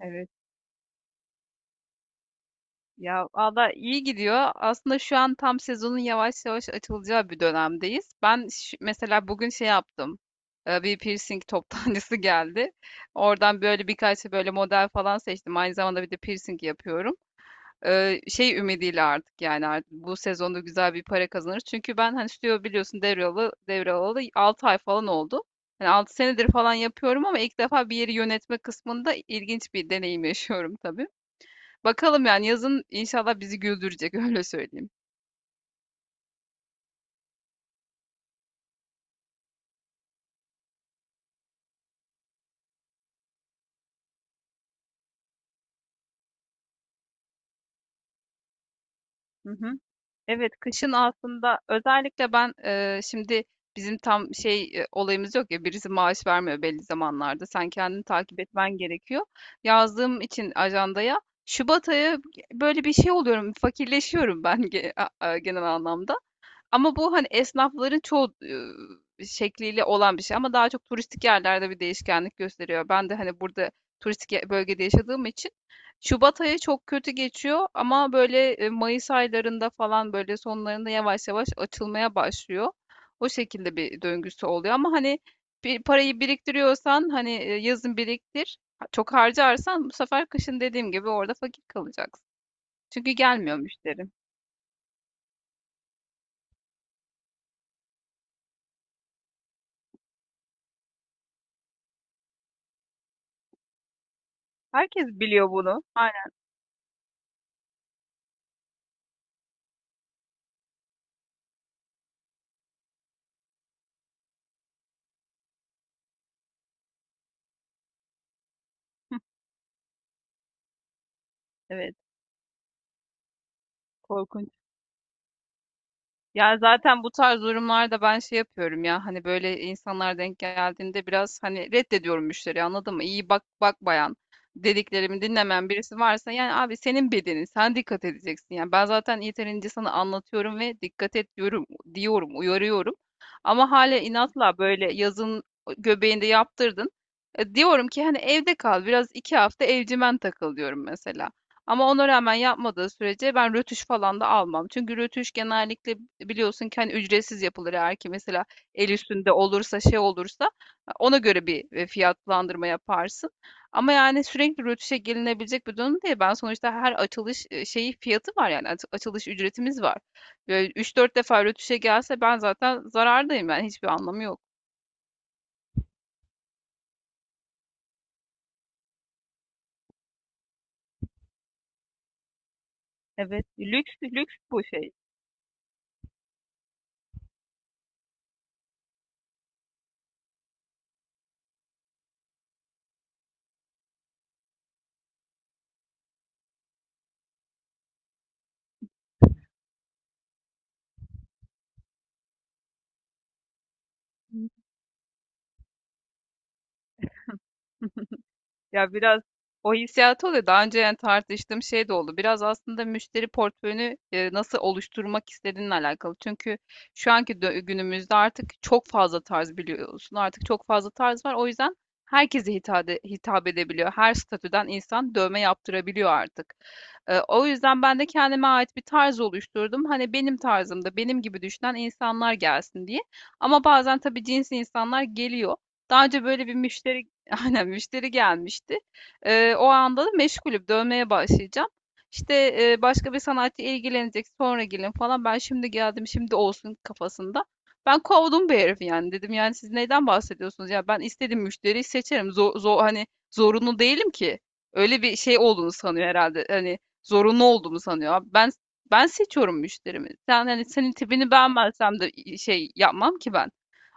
Evet. Ya valla iyi gidiyor. Aslında şu an tam sezonun yavaş yavaş açılacağı bir dönemdeyiz. Ben mesela bugün şey yaptım. Bir piercing toptancısı geldi. Oradan böyle birkaç böyle model falan seçtim. Aynı zamanda bir de piercing yapıyorum. Şey ümidiyle artık yani artık bu sezonda güzel bir para kazanırız. Çünkü ben hani stüdyo biliyorsun devralı 6 ay falan oldu. Yani 6 senedir falan yapıyorum ama ilk defa bir yeri yönetme kısmında ilginç bir deneyim yaşıyorum tabii. Bakalım yani yazın inşallah bizi güldürecek öyle söyleyeyim. Hı hı. Evet, kışın aslında özellikle ben şimdi bizim tam şey olayımız yok ya, birisi maaş vermiyor belli zamanlarda. Sen kendini takip etmen gerekiyor. Yazdığım için ajandaya Şubat ayı böyle bir şey oluyorum, fakirleşiyorum ben genel anlamda. Ama bu hani esnafların çoğu şekliyle olan bir şey, ama daha çok turistik yerlerde bir değişkenlik gösteriyor. Ben de hani burada turistik bölgede yaşadığım için Şubat ayı çok kötü geçiyor, ama böyle Mayıs aylarında falan, böyle sonlarında yavaş yavaş açılmaya başlıyor. O şekilde bir döngüsü oluyor, ama hani bir parayı biriktiriyorsan hani yazın biriktir. Çok harcarsan bu sefer kışın dediğim gibi orada fakir kalacaksın. Çünkü gelmiyor müşterim. Herkes biliyor bunu. Aynen. Evet. Korkunç. Ya zaten bu tarz durumlarda ben şey yapıyorum, ya hani böyle insanlar denk geldiğinde biraz hani reddediyorum müşteriyi, anladın mı? İyi bak bak bayan, dediklerimi dinlemeyen birisi varsa yani abi senin bedenin, sen dikkat edeceksin, yani ben zaten yeterince sana anlatıyorum ve dikkat et diyorum, diyorum, uyarıyorum, ama hala inatla böyle yazın göbeğinde yaptırdın. Diyorum ki hani evde kal biraz 2 hafta, evcimen takıl diyorum mesela. Ama ona rağmen yapmadığı sürece ben rötuş falan da almam. Çünkü rötuş genellikle biliyorsun ki hani ücretsiz yapılır, eğer ki mesela el üstünde olursa, şey olursa ona göre bir fiyatlandırma yaparsın. Ama yani sürekli rötuşa gelinebilecek bir durum değil. Ben sonuçta her açılış şeyi, fiyatı var yani, açılış ücretimiz var. Böyle 3-4 defa rötuşa gelse ben zaten zarardayım, yani hiçbir anlamı yok. Evet, lüks lüks bu şey. Hı. Ya biraz o hissiyatı oluyor. Daha önce yani tartıştığım şey de oldu. Biraz aslında müşteri portföyünü nasıl oluşturmak istediğinle alakalı. Çünkü şu anki günümüzde artık çok fazla tarz biliyorsun. Artık çok fazla tarz var. O yüzden herkese hitap edebiliyor. Her statüden insan dövme yaptırabiliyor artık. O yüzden ben de kendime ait bir tarz oluşturdum. Hani benim tarzımda, benim gibi düşünen insanlar gelsin diye. Ama bazen tabii cins insanlar geliyor. Daha önce böyle bir müşteri, aynen müşteri gelmişti. O anda da meşgulüm. Dövmeye başlayacağım. İşte başka bir sanatçı ilgilenecek, sonra gelin falan. Ben şimdi geldim, şimdi olsun kafasında. Ben kovdum bir herifi yani. Dedim yani siz neyden bahsediyorsunuz? Ya ben istediğim müşteriyi seçerim. Zor, zor, hani zorunlu değilim ki. Öyle bir şey olduğunu sanıyor herhalde. Hani zorunlu olduğumu sanıyor. Abi ben seçiyorum müşterimi. Sen hani, senin tipini beğenmezsem de şey yapmam ki ben.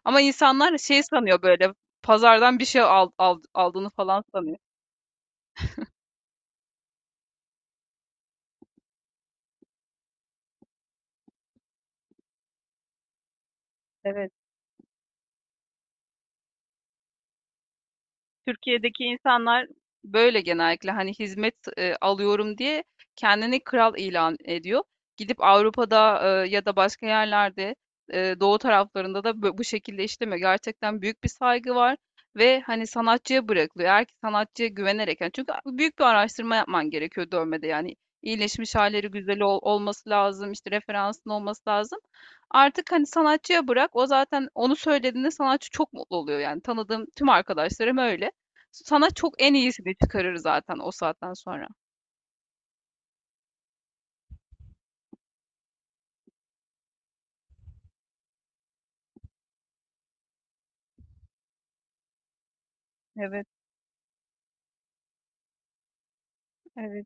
Ama insanlar şey sanıyor, böyle pazardan bir şey aldığını falan sanıyor. Evet. Türkiye'deki insanlar böyle genellikle hani hizmet alıyorum diye kendini kral ilan ediyor. Gidip Avrupa'da ya da başka yerlerde, doğu taraflarında da bu şekilde işlemiyor. Gerçekten büyük bir saygı var ve hani sanatçıya bırakılıyor. Eğer ki sanatçıya güvenerek, yani çünkü büyük bir araştırma yapman gerekiyor dövmede, yani iyileşmiş halleri güzel olması lazım, işte referansın olması lazım. Artık hani sanatçıya bırak, o zaten onu söylediğinde sanatçı çok mutlu oluyor, yani tanıdığım tüm arkadaşlarım öyle. Sana çok en iyisini çıkarır zaten o saatten sonra. Evet, evet,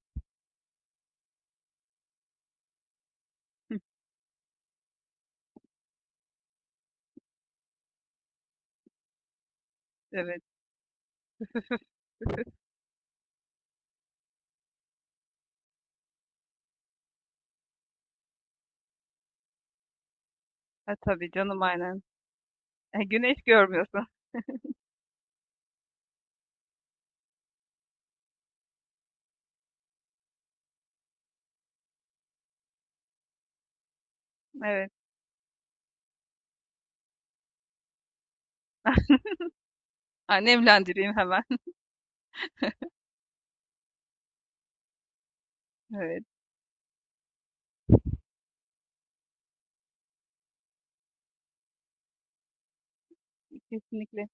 hıh, evet. Ha, tabii canım, aynen. Güneş görmüyorsun. Evet. Annemlendireyim hemen. Evet, kesinlikle.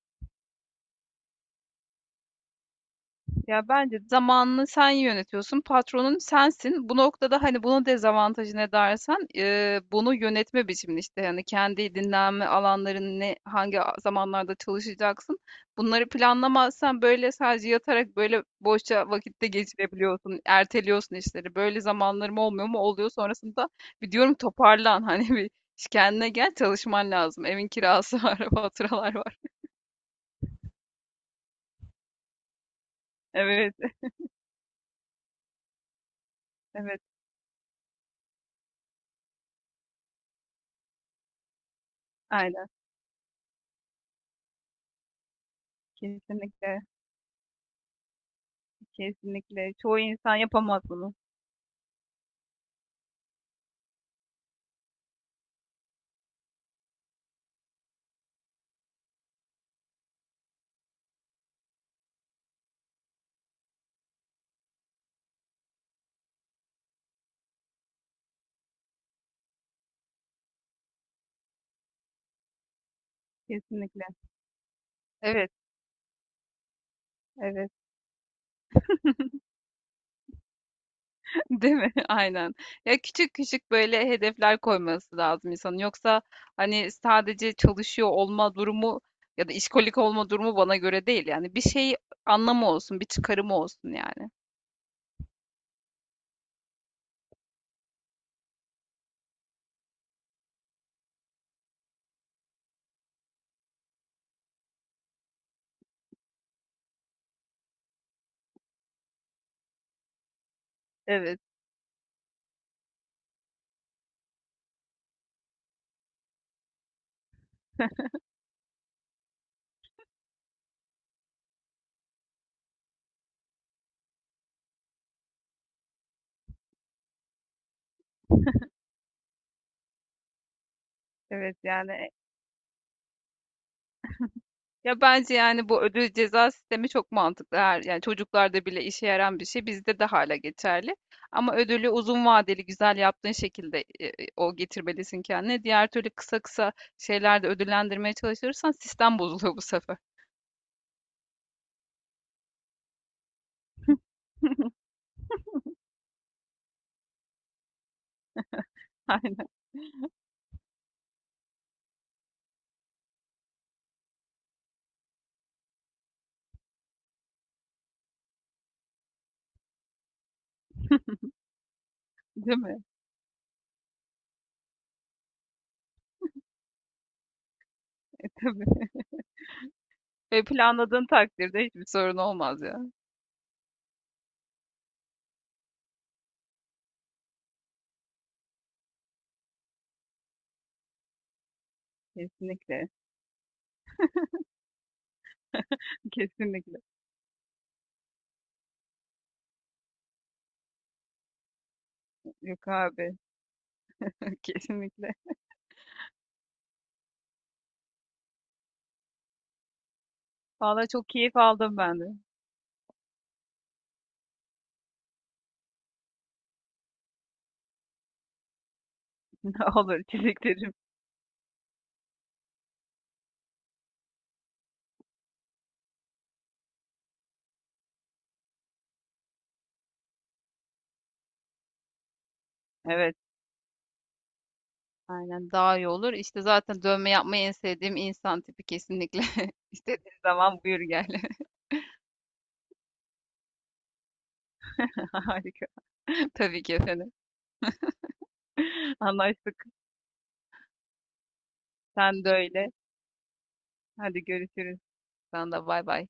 Ya bence zamanını sen yönetiyorsun, patronun sensin. Bu noktada hani bunun dezavantajı ne dersen, bunu yönetme biçimini işte, yani kendi dinlenme alanlarını, ne, hangi zamanlarda çalışacaksın. Bunları planlamazsan böyle sadece yatarak böyle boşça vakitte geçirebiliyorsun, erteliyorsun işleri. Böyle zamanlarım olmuyor mu? Oluyor, sonrasında bir diyorum toparlan hani bir kendine gel, çalışman lazım. Evin kirası var, faturalar var. Evet, evet, aynen, kesinlikle. Kesinlikle. Çoğu insan yapamaz bunu. Kesinlikle. Evet, evet. Değil mi? Aynen. Ya küçük küçük böyle hedefler koyması lazım insanın. Yoksa hani sadece çalışıyor olma durumu ya da işkolik olma durumu bana göre değil. Yani bir şey anlamı olsun, bir çıkarımı olsun yani. Evet, evet yani. Ya bence yani bu ödül ceza sistemi çok mantıklı. Her, yani çocuklarda bile işe yarayan bir şey bizde de hala geçerli. Ama ödülü uzun vadeli güzel yaptığın şekilde o getirmelisin kendine. Diğer türlü kısa kısa şeylerde ödüllendirmeye çalışırsan sistem bozuluyor bu sefer. Aynen, değil mi? Tabii. Ve planladığın takdirde hiçbir sorun olmaz ya. Kesinlikle. Kesinlikle. Yok abi. Kesinlikle. Vallahi çok keyif aldım ben de. Olur, teşekkür ederim. Evet. Aynen, daha iyi olur. İşte zaten dövme yapmayı en sevdiğim insan tipi, kesinlikle. İstediğin zaman buyur gel. Harika. Tabii ki efendim. Anlaştık. Sen de öyle. Hadi görüşürüz. Sen de bay bay.